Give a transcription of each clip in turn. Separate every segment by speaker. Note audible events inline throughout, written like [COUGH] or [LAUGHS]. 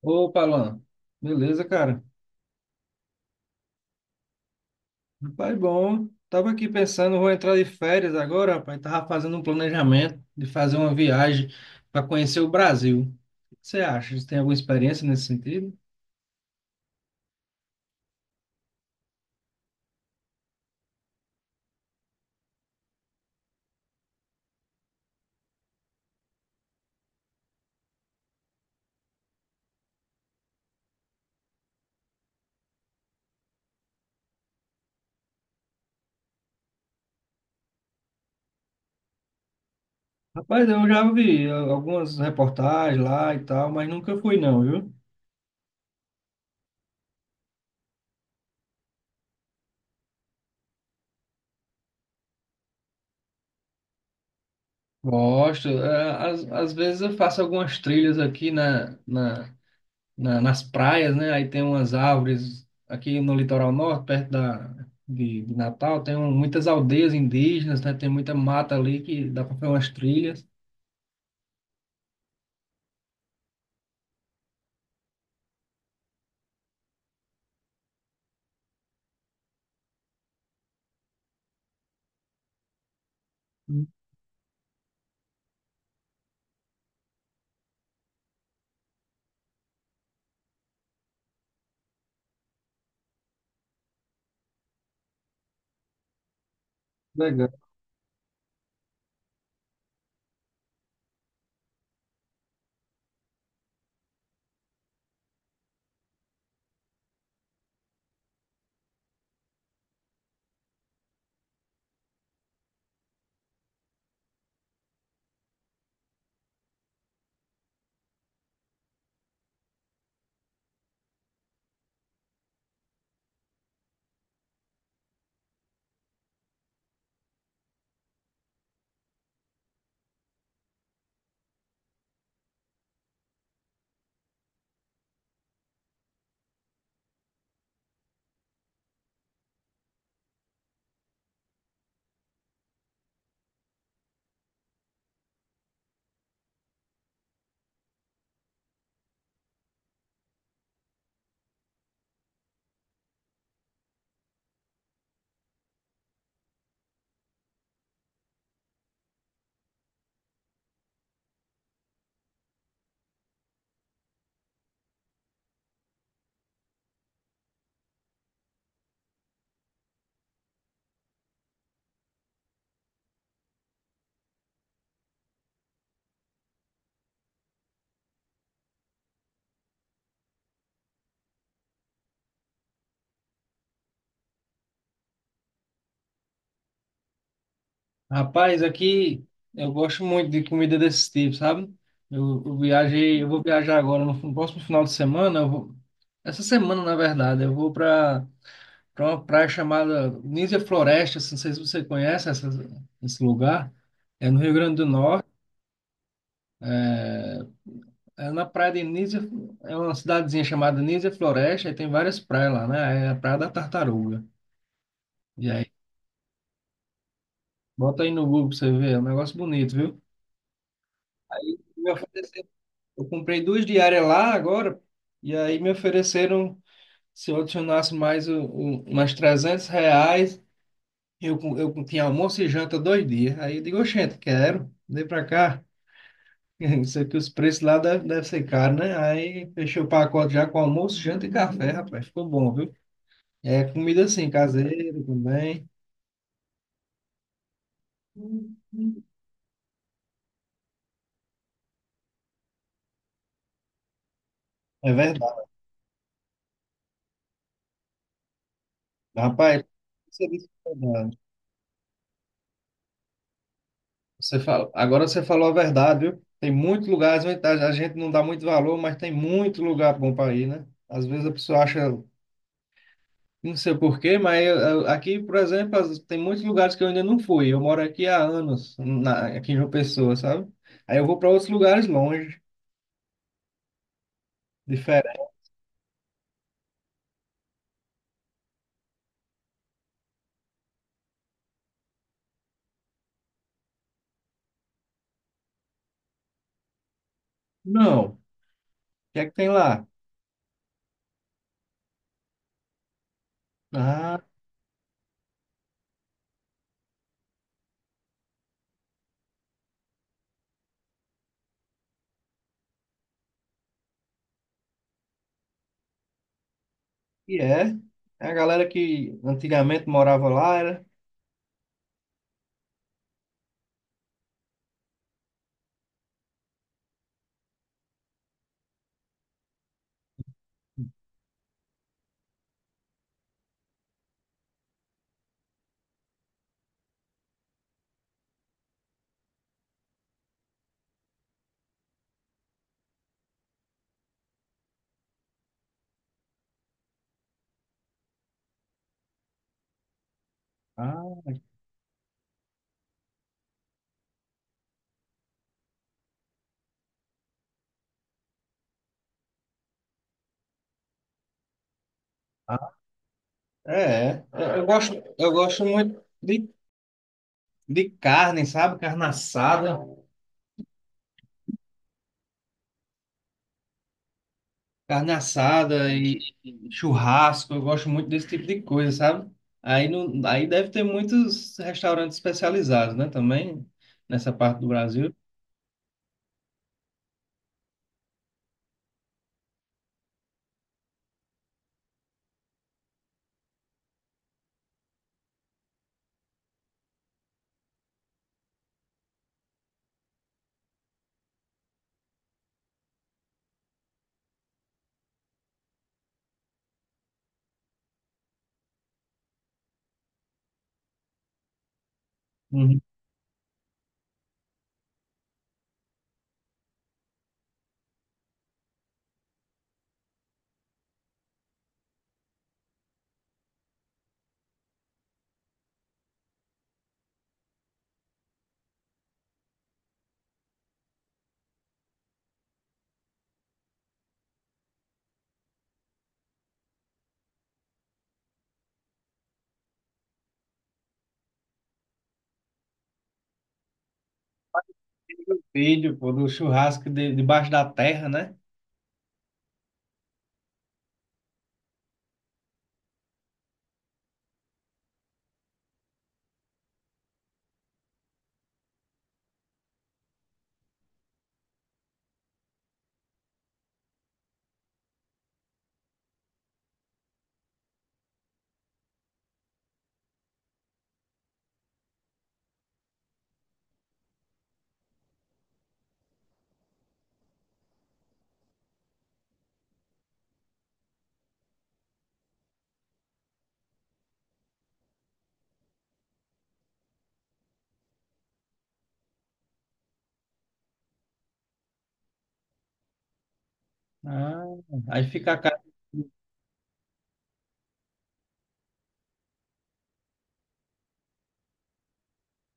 Speaker 1: Opa, Alan. Beleza, cara? Rapaz, bom. Tava aqui pensando, vou entrar de férias agora, rapaz. Tava fazendo um planejamento de fazer uma viagem para conhecer o Brasil. O que você acha? Você tem alguma experiência nesse sentido? Rapaz, eu já vi algumas reportagens lá e tal, mas nunca fui não, viu? Gosto. Às, às vezes eu faço algumas trilhas aqui nas praias, né? Aí tem umas árvores aqui no litoral norte, perto de Natal, muitas aldeias indígenas, né? Tem muita mata ali que dá para fazer umas trilhas. Hum. Legal. Rapaz, aqui eu gosto muito de comida desse tipo, sabe? Eu viajei, eu vou viajar agora no próximo final de semana. Eu vou, essa semana, na verdade, eu vou para uma praia chamada Nísia Floresta. Não sei se você conhece esse lugar. É no Rio Grande do Norte. é, Na praia de Nísia, é uma cidadezinha chamada Nísia Floresta, e tem várias praias lá, né? É a Praia da Tartaruga. E aí, bota aí no Google pra você ver, é um negócio bonito, viu? Me ofereceram- Eu comprei duas diárias lá agora, e aí me ofereceram, se eu adicionasse mais umas R$ 300, eu, tinha almoço e janta dois dias. Aí eu digo, oxente, quero, vem pra cá. [LAUGHS] Isso aqui, os preços lá deve ser caro, né? Aí fechei o pacote já com almoço, janta e café, rapaz. Ficou bom, viu? É comida assim, caseira também. É verdade. Rapaz, você disse que é verdade. Você fala, agora você falou a verdade, viu? Tem muitos lugares onde a gente não dá muito valor, mas tem muito lugar bom para ir, né? Às vezes a pessoa acha, não sei por quê, mas aqui, por exemplo, tem muitos lugares que eu ainda não fui. Eu moro aqui há anos, aqui em João Pessoa, sabe? Aí eu vou para outros lugares longe, diferente. Não. O que é que tem lá? Ah, e é. É a galera que antigamente morava lá, era. Ah, é, é. Eu gosto muito de carne, sabe? Carne assada e churrasco, eu gosto muito desse tipo de coisa, sabe? Aí, não, Aí deve ter muitos restaurantes especializados, né? Também nessa parte do Brasil. Uhum. Filho, pô, do churrasco debaixo da terra, né? Ah, aí fica a carne,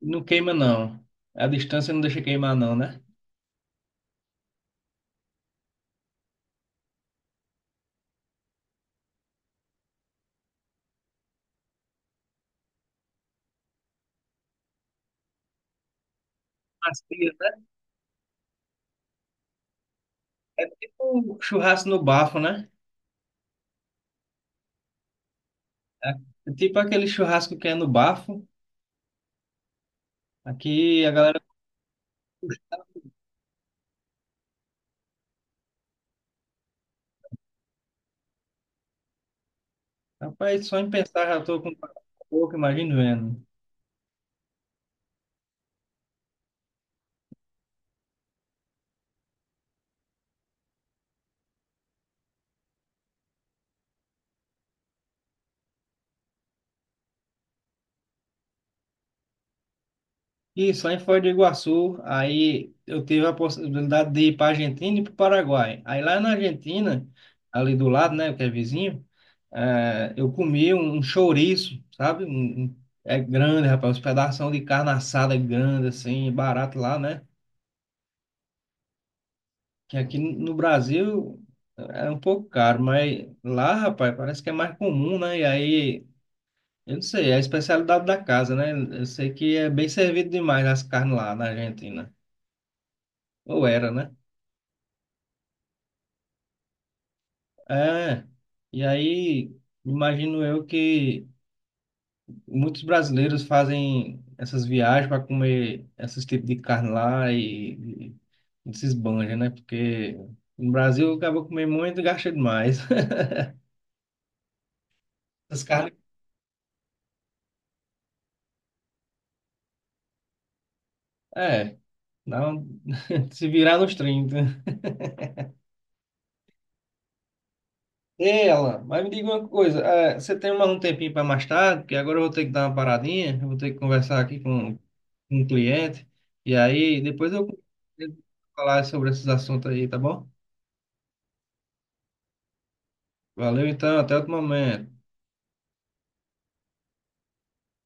Speaker 1: não queima não. A distância não deixa queimar não, né? Macia, né? É tipo um churrasco no bafo, né? É tipo aquele churrasco que é no bafo. Aqui a galera, rapaz, só em pensar já tô com pouco, imagino vendo. E só em Foz do Iguaçu, aí eu tive a possibilidade de ir para Argentina e para o Paraguai. Aí lá na Argentina, ali do lado, né, que é vizinho, é, eu comi um chouriço, sabe? É grande, rapaz, uns pedaços de carne assada grande, assim, barato lá, né? Que aqui no Brasil é um pouco caro, mas lá, rapaz, parece que é mais comum, né? E aí, eu não sei, é a especialidade da casa, né? Eu sei que é bem servido demais as carnes lá na Argentina. Ou era, né? É. E aí, imagino eu que muitos brasileiros fazem essas viagens para comer esses tipos de carne lá e, se esbanja, né? Porque no Brasil acaba comendo muito e gasta demais. [LAUGHS] Essas carnes. É. Não, [LAUGHS] se virar nos 30. Ei, Alan, mas me diga uma coisa, você tem mais um tempinho para mais tarde? Porque agora eu vou ter que dar uma paradinha, eu vou ter que conversar aqui com um cliente, e aí depois eu vou falar sobre esses assuntos aí, tá bom? Valeu então, até outro momento.